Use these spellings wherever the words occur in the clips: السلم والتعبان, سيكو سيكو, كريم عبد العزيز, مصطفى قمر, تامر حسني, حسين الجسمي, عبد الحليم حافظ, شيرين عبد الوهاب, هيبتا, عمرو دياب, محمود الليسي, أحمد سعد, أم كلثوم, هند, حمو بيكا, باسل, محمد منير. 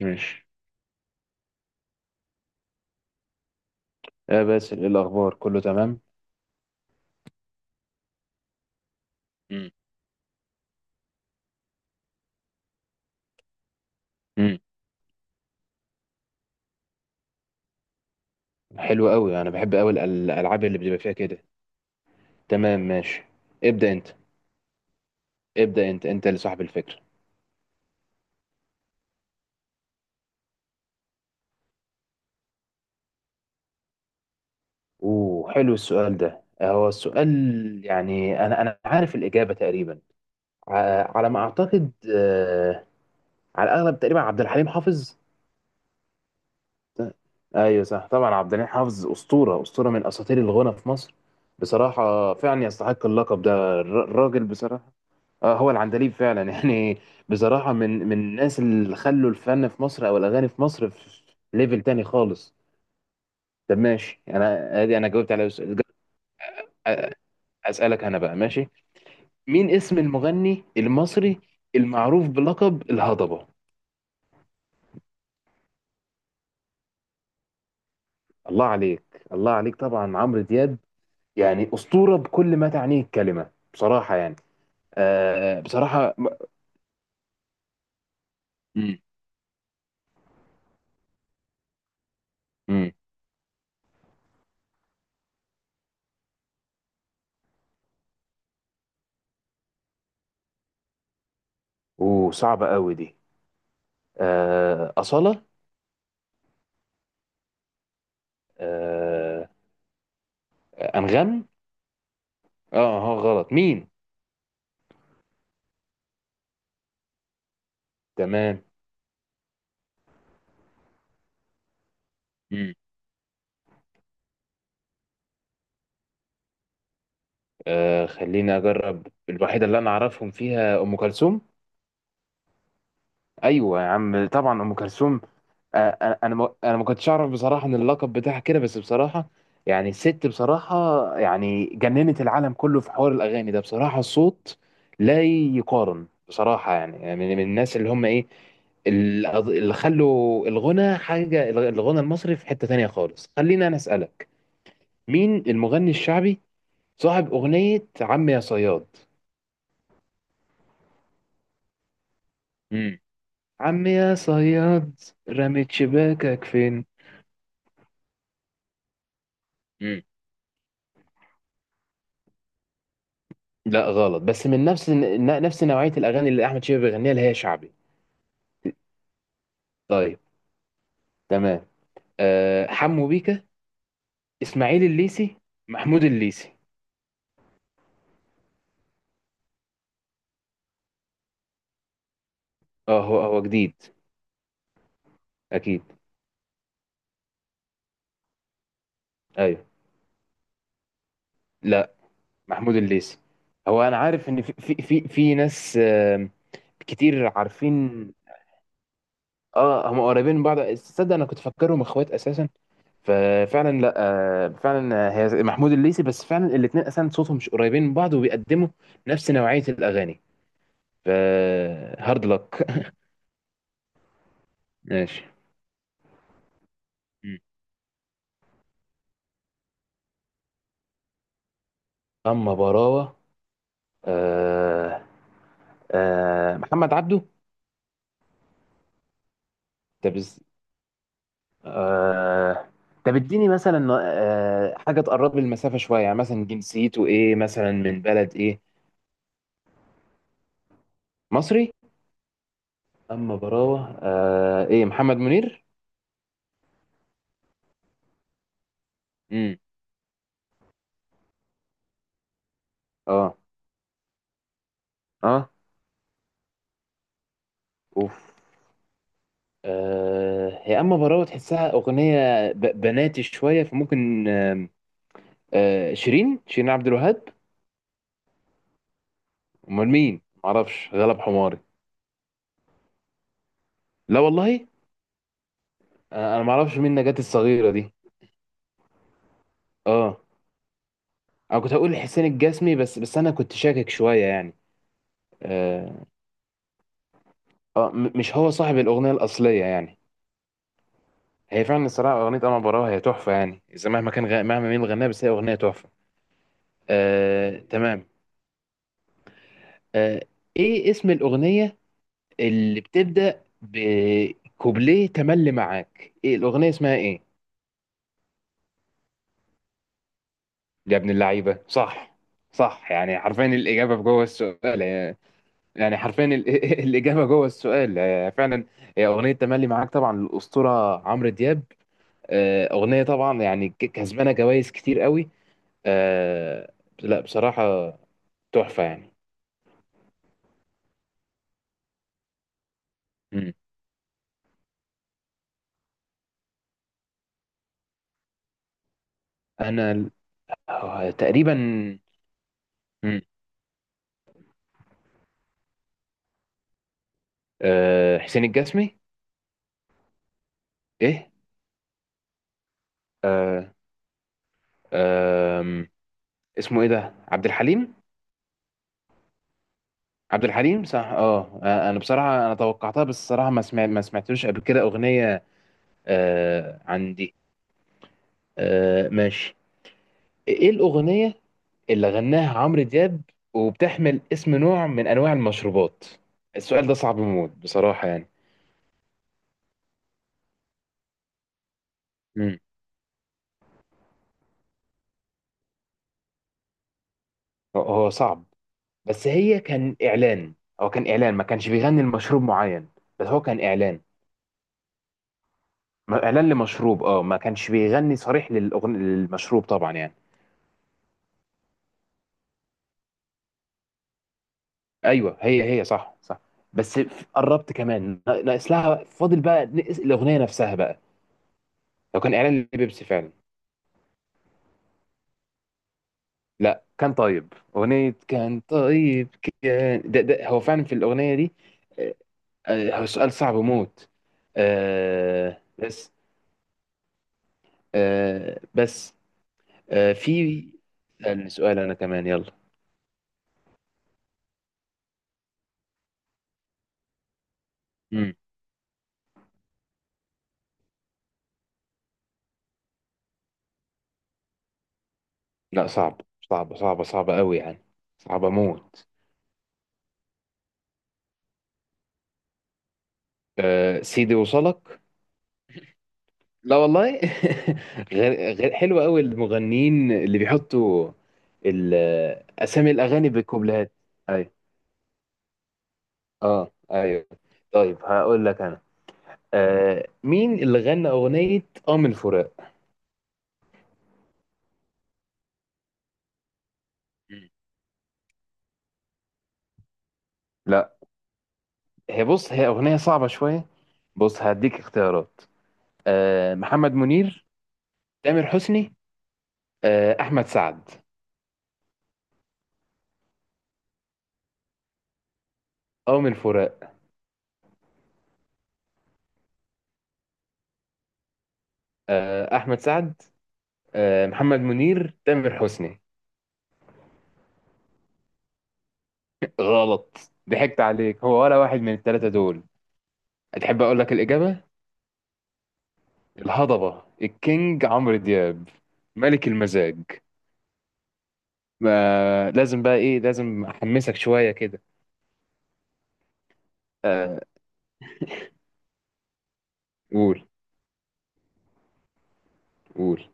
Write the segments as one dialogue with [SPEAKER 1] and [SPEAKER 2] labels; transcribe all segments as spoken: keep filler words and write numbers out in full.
[SPEAKER 1] ماشي. يا باسل ايه الاخبار كله تمام؟ مم. امم حلو قوي، انا بحب قوي الالعاب اللي بتبقى فيها كده. تمام ماشي. ابدا انت. ابدا انت، انت اللي صاحب الفكره. اوه حلو السؤال ده، هو السؤال. يعني انا انا عارف الاجابه تقريبا، ع- على ما اعتقد، آه، على الاغلب تقريبا عبد الحليم حافظ. ايوه صح طبعا، عبد الحليم حافظ اسطوره، اسطوره من اساطير الغنى في مصر. بصراحه فعلا يستحق اللقب ده الر- الراجل بصراحه. اه هو العندليب فعلا يعني. بصراحة من من الناس اللي خلوا الفن في مصر او الاغاني في مصر في ليفل تاني خالص. طب ماشي انا ادي، انا جاوبت على سؤال. أ- اسألك انا بقى، ماشي. مين اسم المغني المصري المعروف بلقب الهضبة؟ الله عليك، الله عليك، طبعا عمرو دياب. يعني أسطورة بكل ما تعنيه الكلمة بصراحة يعني. آه بصراحة. امم امم وصعبة قوي دي. آه أصالة. آه أنغام. اه. اه غلط مين؟ تمام. مم. آه خليني اجرب الوحيده اللي انا اعرفهم فيها، ام كلثوم. ايوه يا عم طبعا ام كلثوم. آه، آه، انا ما- انا ما كنتش اعرف بصراحه ان اللقب بتاعها كده، بس بصراحه يعني الست بصراحه، يعني جننت العالم كله في حوار الاغاني ده بصراحه. الصوت لا يقارن بصراحه، يعني من من الناس اللي هم ايه، ال- اللي خلوا الغنى حاجة، الغنى المصري في حتة تانية خالص. خلينا أنا أسألك، مين المغني الشعبي صاحب أغنية عم يا صياد؟ امم عم يا صياد، رميت شباكك فين؟ امم لا غلط، بس من نفس ن- نفس نوعية الأغاني اللي أحمد شيبة بيغنيها اللي هي شعبي. طيب تمام. أه حمو بيكا، إسماعيل الليسي، محمود الليسي. اه هو هو جديد أكيد. أيوه. لا محمود الليسي. هو أنا عارف إن في في في, في ناس آه، كتير عارفين. اه هم قريبين من بعض، تصدق انا كنت فاكرهم اخوات اساسا؟ ففعلا لا، آه، فعلا. هي محمود الليثي، بس فعلا الاثنين اساسا صوتهم مش قريبين من بعض، وبيقدموا نفس نوعية الاغاني. ف هارد لك. ماشي. مم. اما براوة. آه. آه محمد عبده. طب إز- آه طب اديني مثلا آه حاجة تقرب لي المسافة شوية، يعني مثلا جنسيته ايه، مثلا من بلد ايه؟ مصري. اما براوة، آه ايه، محمد منير. امم اه. اه. اوف. آه هي اما براوة تحسها اغنيه ب- بناتي شويه، فممكن، آم، آه شيرين، شيرين عبد الوهاب. امال مين؟ معرفش، غلب حماري. لا والله. آه انا معرفش مين نجاة الصغيره دي. اه انا كنت هقول حسين الجسمي، بس بس انا كنت شاكك شويه يعني. اه، آه م- مش هو صاحب الاغنيه الاصليه يعني. هي فعلا الصراحه اغنيه اما براوة هي تحفه يعني، اذا مهما كان غ... مهما مين اللي غناها، بس هي اغنيه تحفه. آه تمام. آه ايه اسم الاغنيه اللي بتبدأ بكوبليه تملي معاك؟ ايه الأغنية اسمها ايه؟ يا ابن اللعيبة صح، صح، يعني حرفيا الإجابة في جوه السؤال يعني. يعني حرفيا ال- الإجابة جوه السؤال يعني فعلا. هي أغنية تملي معاك طبعا للأسطورة عمرو دياب. آه، أغنية طبعا يعني ك- كسبانة جوائز كتير قوي. آه، لا بصراحة تحفة يعني. مم. أنا ال- آه، تقريبا. مم. آه، حسين الجسمي. ايه. آه، آم، اسمه ايه ده، عبد الحليم. عبد الحليم صح، اه آه، انا بصراحه انا توقعتها، بس الصراحه ما سمعت ما سمعتلوش قبل كده اغنيه آه عندي. آه ماشي. ايه الاغنيه اللي غناها عمرو دياب وبتحمل اسم نوع من انواع المشروبات؟ السؤال ده صعب موت بصراحه يعني. مم. هو هو صعب، بس هي كان اعلان، هو كان اعلان، ما كانش بيغني المشروب معين. بس هو كان اعلان ما- اعلان لمشروب، اه ما كانش بيغني صريح للأغن... للمشروب طبعا يعني. ايوه هي هي صح صح. بس ف- قربت كمان، ناقص لها فاضل بقى نقص الاغنيه نفسها بقى. لو كان اعلان لبيبسي فعلا. لا كان طيب اغنيه، كان طيب. كان ده, ده هو فعلا في الاغنيه دي. آه، آه، هو سؤال صعب موت. آه بس. آه بس. آه في. سألني سؤال انا كمان، يلا. مم. لا صعب، صعب صعب صعب قوي يعني، صعب موت. آه سيدي وصلك. لا والله. غير غير حلو قوي المغنيين اللي بيحطوا ال- اسامي الاغاني بالكوبلهات. ايوه. اه ايوه. طيب هقول لك انا، آه مين اللي غنى اغنيه اه من فراق؟ مم. لا. هي بص هي اغنيه صعبه شويه. بص هديك اختيارات. آه محمد منير، تامر حسني، آه احمد سعد. اه من فراق. آه احمد سعد، آه محمد منير، تامر حسني. غلط، ضحكت عليك، هو ولا واحد من الثلاثة دول. هتحب أقول لك الإجابة؟ الهضبة الكينج عمرو دياب، ملك المزاج. ما لازم بقى، إيه لازم أحمسك شوية كده. آه قول. قول.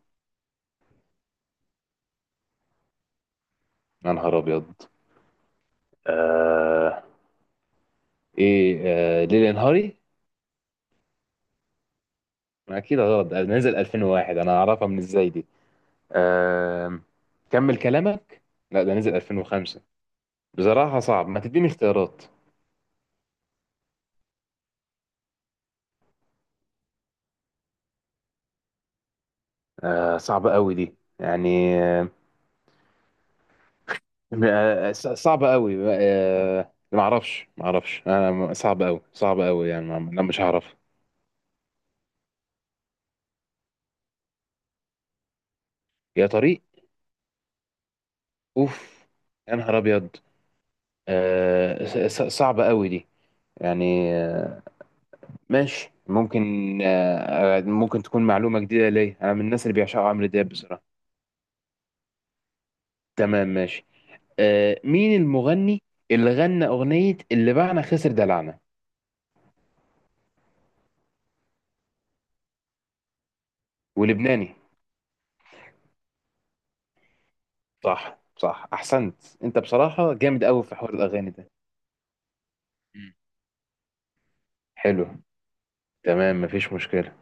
[SPEAKER 1] يا نهار أبيض. آه إيه، آه ليلي نهاري؟ ما أكيد غلط، ده نزل ألفين وواحد، أنا أعرفها من إزاي دي. آه كمل كلامك؟ لا ده نزل ألفين وخمسة. بصراحة صعب، ما تديني اختيارات. آه صعبة قوي دي يعني، آه، آه، ص- صعبة قوي، آه، ما اعرفش ما اعرفش انا م- صعب قوي، صعب قوي يعني، ما- انا مش هعرف. يا طريق. اوف. يا نهار ابيض. آه، ص- ص- صعبة قوي دي يعني، آه، ماشي ممكن، آه، آه، ممكن تكون معلومة جديدة ليا، انا من الناس اللي بيعشقوا عمرو دياب بصراحة. تمام ماشي. آه، مين المغني اللي غنى اغنية اللي باعنا خسر دلعنا؟ ولبناني. صح صح احسنت. انت بصراحة جامد قوي في حوار الاغاني ده. مم. حلو. تمام مفيش مشكلة.